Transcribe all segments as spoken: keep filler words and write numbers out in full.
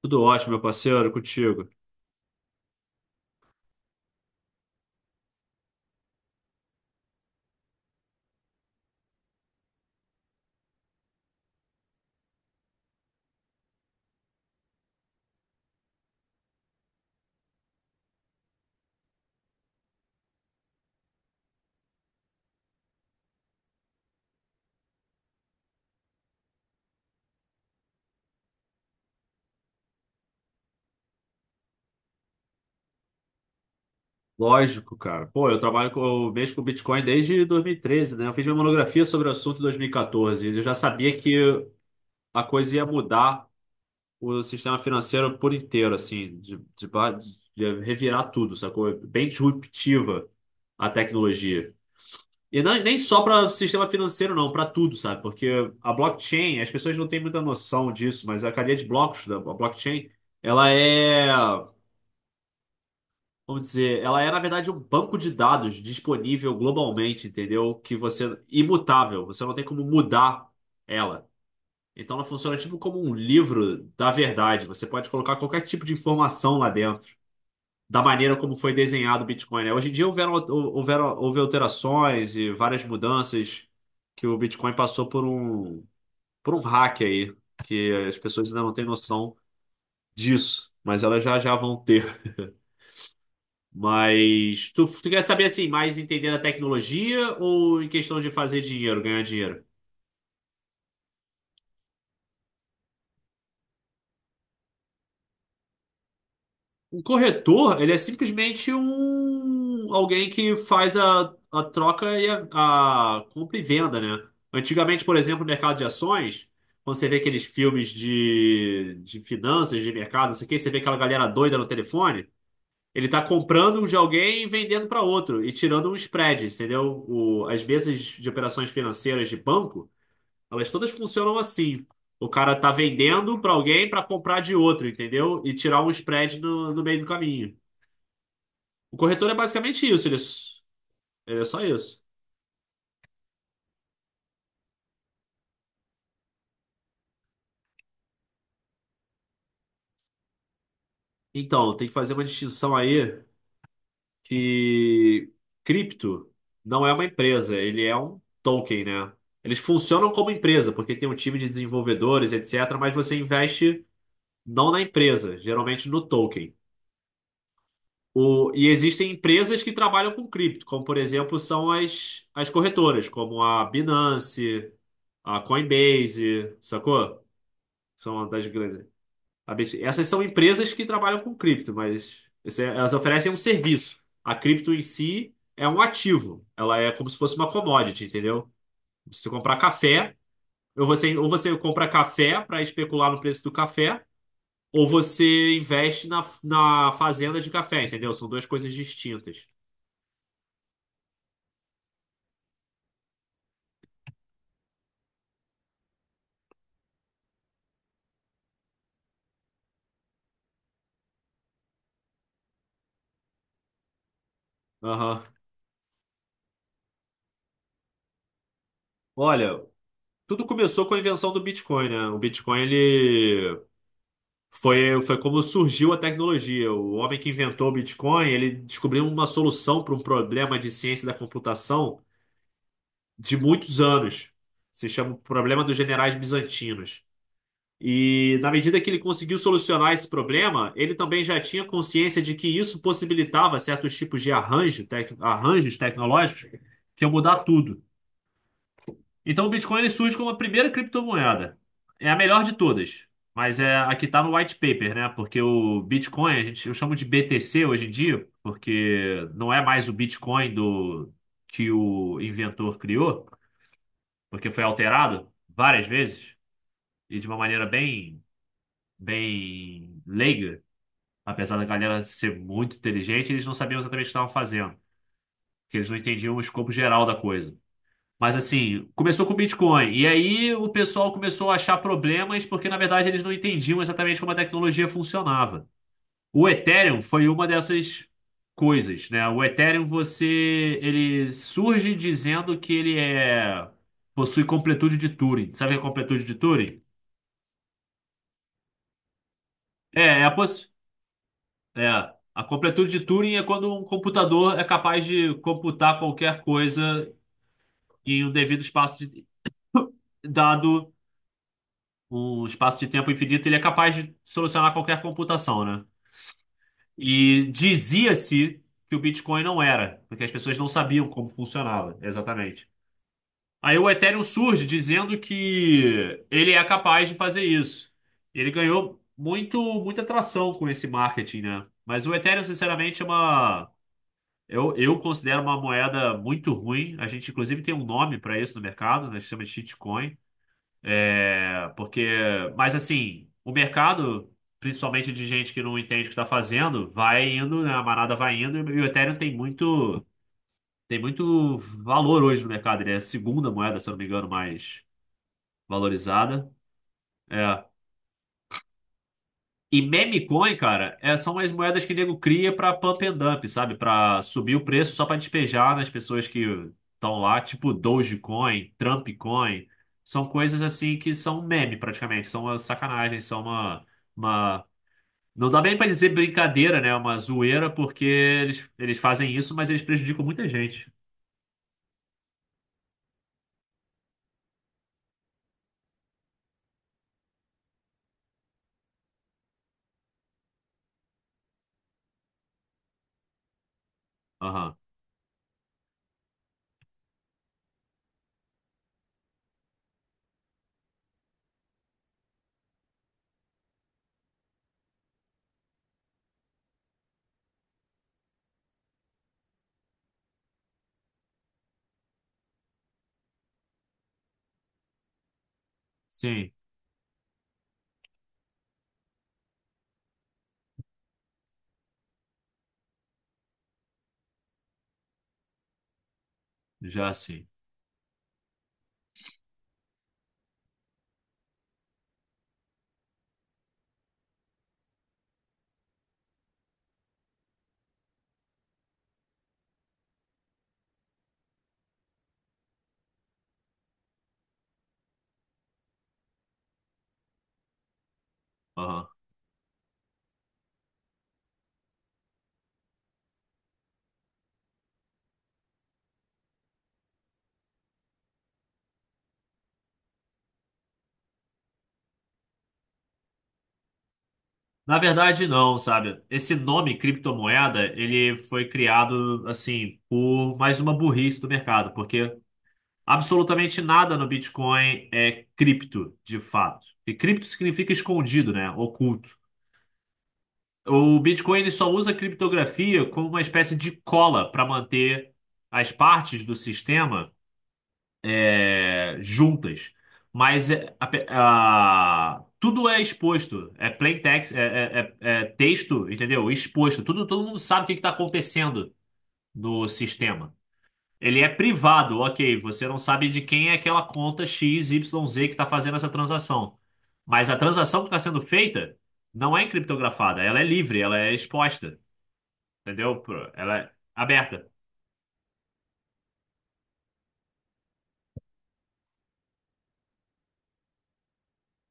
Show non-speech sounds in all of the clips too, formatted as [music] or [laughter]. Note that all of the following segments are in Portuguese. Tudo ótimo, meu parceiro, contigo. Lógico, cara. Pô, eu trabalho com, eu mexo com Bitcoin desde dois mil e treze, né? Eu fiz minha monografia sobre o assunto em dois mil e quatorze. E quatorze. E eu já sabia que a coisa ia mudar o sistema financeiro por inteiro, assim, de, de, ba- de revirar tudo, sacou? É bem disruptiva a tecnologia. E não- nem só para o sistema financeiro, não, para tudo, sabe? Porque a blockchain, as pessoas não têm muita noção disso, mas a cadeia de blocos da blockchain, ela é. Vamos dizer, ela é, na verdade, um banco de dados disponível globalmente, entendeu? Que você, é imutável, você não tem como mudar ela. Então ela funciona tipo como um livro da verdade. Você pode colocar qualquer tipo de informação lá dentro, da maneira como foi desenhado o Bitcoin, né? Hoje em dia houveram, houveram, houve alterações e várias mudanças que o Bitcoin passou por um, por um hack aí. E as pessoas ainda não têm noção disso, mas elas já já vão ter. Mas tu, tu quer saber assim, mais entender a tecnologia ou em questão de fazer dinheiro, ganhar dinheiro? Um corretor, ele é simplesmente um alguém que faz a, a troca e a, a compra e venda, né? Antigamente, por exemplo, no mercado de ações, quando você vê aqueles filmes de, de finanças, de mercado, não sei o quê, você vê aquela galera doida no telefone, ele tá comprando um de alguém e vendendo para outro e tirando um spread, entendeu? O, as mesas de operações financeiras de banco, elas todas funcionam assim. O cara tá vendendo para alguém para comprar de outro, entendeu? E tirar um spread no, no meio do caminho. O corretor é basicamente isso, ele, é s- ele é só isso. Então, tem que fazer uma distinção aí que cripto não é uma empresa, ele é um token, né? Eles funcionam como empresa, porque tem um time de desenvolvedores, etcétera, mas você investe não na empresa, geralmente no token. O, e existem empresas que trabalham com cripto, como por exemplo são as, as corretoras, como a Binance, a Coinbase, sacou? São das grandes. A B T C. Essas são empresas que trabalham com cripto, mas esse- é, elas oferecem um serviço. A cripto em si é um ativo, ela é como se fosse uma commodity, entendeu? Se você comprar café, ou você, ou você compra café para especular no preço do café, ou você investe na, na fazenda de café, entendeu? São duas coisas distintas. Aham. Olha, tudo começou com a invenção do Bitcoin, né? O Bitcoin, ele foi, foi como surgiu a tecnologia. O homem que inventou o Bitcoin, ele descobriu uma solução para um problema de ciência da computação de muitos anos. Se chama o problema dos generais bizantinos. E na medida que ele conseguiu solucionar esse problema, ele também já tinha consciência de que isso possibilitava certos tipos de arranjo, tec- arranjos tecnológicos que iam mudar tudo. Então o Bitcoin ele surge como a primeira criptomoeda. É a melhor de todas. Mas é a que está no white paper, né? Porque o Bitcoin, a gente, eu chamo de B T C hoje em dia, porque não é mais o Bitcoin do que o inventor criou, porque foi alterado várias vezes e de uma maneira bem, bem leiga. Apesar da galera ser muito inteligente, eles não sabiam exatamente o que estavam fazendo, porque eles não entendiam o escopo geral da coisa. Mas assim, começou com o Bitcoin. E aí o pessoal começou a achar problemas porque, na verdade, eles não entendiam exatamente como a tecnologia funcionava. O Ethereum foi uma dessas coisas, né? O Ethereum, você, ele surge dizendo que ele é, possui completude de Turing. Sabe o que é completude de Turing? É, é a, poss... é, a completude de Turing é quando um computador é capaz de computar qualquer coisa em um devido espaço de... [coughs] [laughs] dado um espaço de tempo infinito, ele é capaz de solucionar qualquer computação, né? E dizia-se que o Bitcoin não era, porque as pessoas não sabiam como funcionava, exatamente. Aí o Ethereum surge dizendo que ele é capaz de fazer isso. Ele ganhou muito, muita atração com esse marketing, né? Mas o Ethereum, sinceramente, é uma. Eu, eu considero uma moeda muito ruim. A gente, inclusive, tem um nome para isso no mercado, né? Se chama de shitcoin. É, porque, mas assim, o mercado, principalmente de gente que não entende o que está fazendo, vai indo, né? A manada vai indo e o Ethereum tem muito, tem muito valor hoje no mercado. Ele é a segunda moeda, se eu não me engano, mais valorizada. É. E meme coin, cara, é, são as moedas que o nego cria pra pump and dump, sabe? Pra subir o preço só pra despejar nas pessoas que estão lá, tipo Dogecoin, Trump Coin. São coisas assim que são meme praticamente, são uma sacanagem, são uma, uma... Não dá bem pra dizer brincadeira, né? É uma zoeira, porque eles, eles fazem isso, mas eles prejudicam muita gente. Aham. Sim, já sim. Aham. Na verdade, não, sabe? Esse nome criptomoeda, ele foi criado, assim, por mais uma burrice do mercado, porque absolutamente nada no Bitcoin é cripto, de fato. E cripto significa escondido, né? Oculto. O Bitcoin, ele só usa a criptografia como uma espécie de cola para manter as partes do sistema é, juntas, mas é, a pe- a- tudo é exposto, é plain text, é, é- é- é texto, entendeu? Exposto, tudo, todo mundo sabe o que está acontecendo no sistema. Ele é privado, ok, você não sabe de quem é aquela conta X, Y, Z que está fazendo essa transação. Mas a transação que está sendo feita não é encriptografada, ela é livre, ela é exposta, entendeu? Ela é aberta.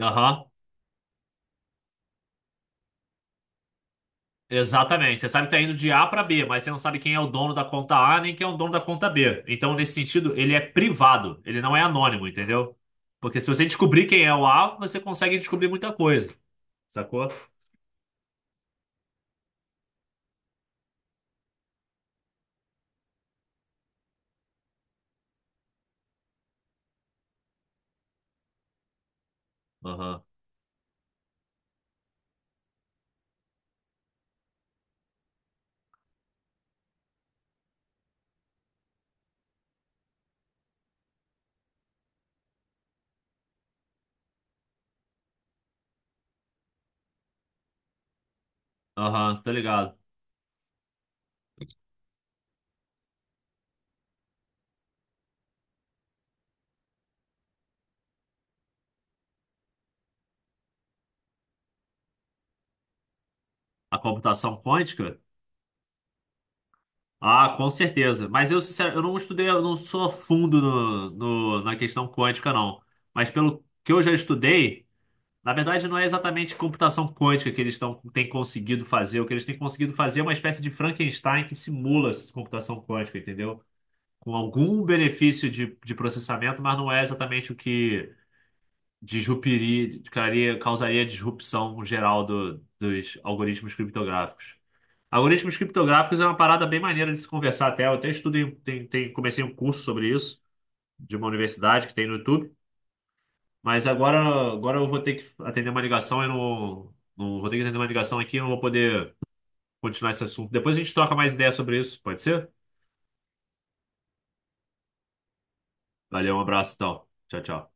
Aham. Exatamente. Você sabe que está indo de A para B, mas você não sabe quem é o dono da conta A nem quem é o dono da conta B. Então, nesse sentido, ele é privado, ele não é anônimo, entendeu? Porque se você descobrir quem é o A, você consegue descobrir muita coisa, sacou? Aham, aham, tô ligado. A computação quântica? Ah, com certeza. Mas eu, sincero, eu não estudei, eu não sou a fundo no, no- na questão quântica, não. Mas pelo que eu já estudei. Na verdade, não é exatamente computação quântica que eles estão, têm conseguido fazer. O que eles têm conseguido fazer é uma espécie de Frankenstein que simula essa computação quântica, entendeu? Com algum benefício de, de processamento, mas não é exatamente o que disrupiria, causaria, causaria disrupção geral do- dos algoritmos criptográficos. Algoritmos criptográficos é uma parada bem maneira de se conversar até. Eu até estudei, tem, tem, comecei um curso sobre isso de uma universidade que tem no YouTube. Mas agora, agora eu vou ter que atender uma ligação, eu não, não vou ter que atender uma ligação aqui, eu não vou poder continuar esse assunto. Depois a gente troca mais ideia sobre isso, pode ser? Valeu, um abraço, então. Tchau, tchau.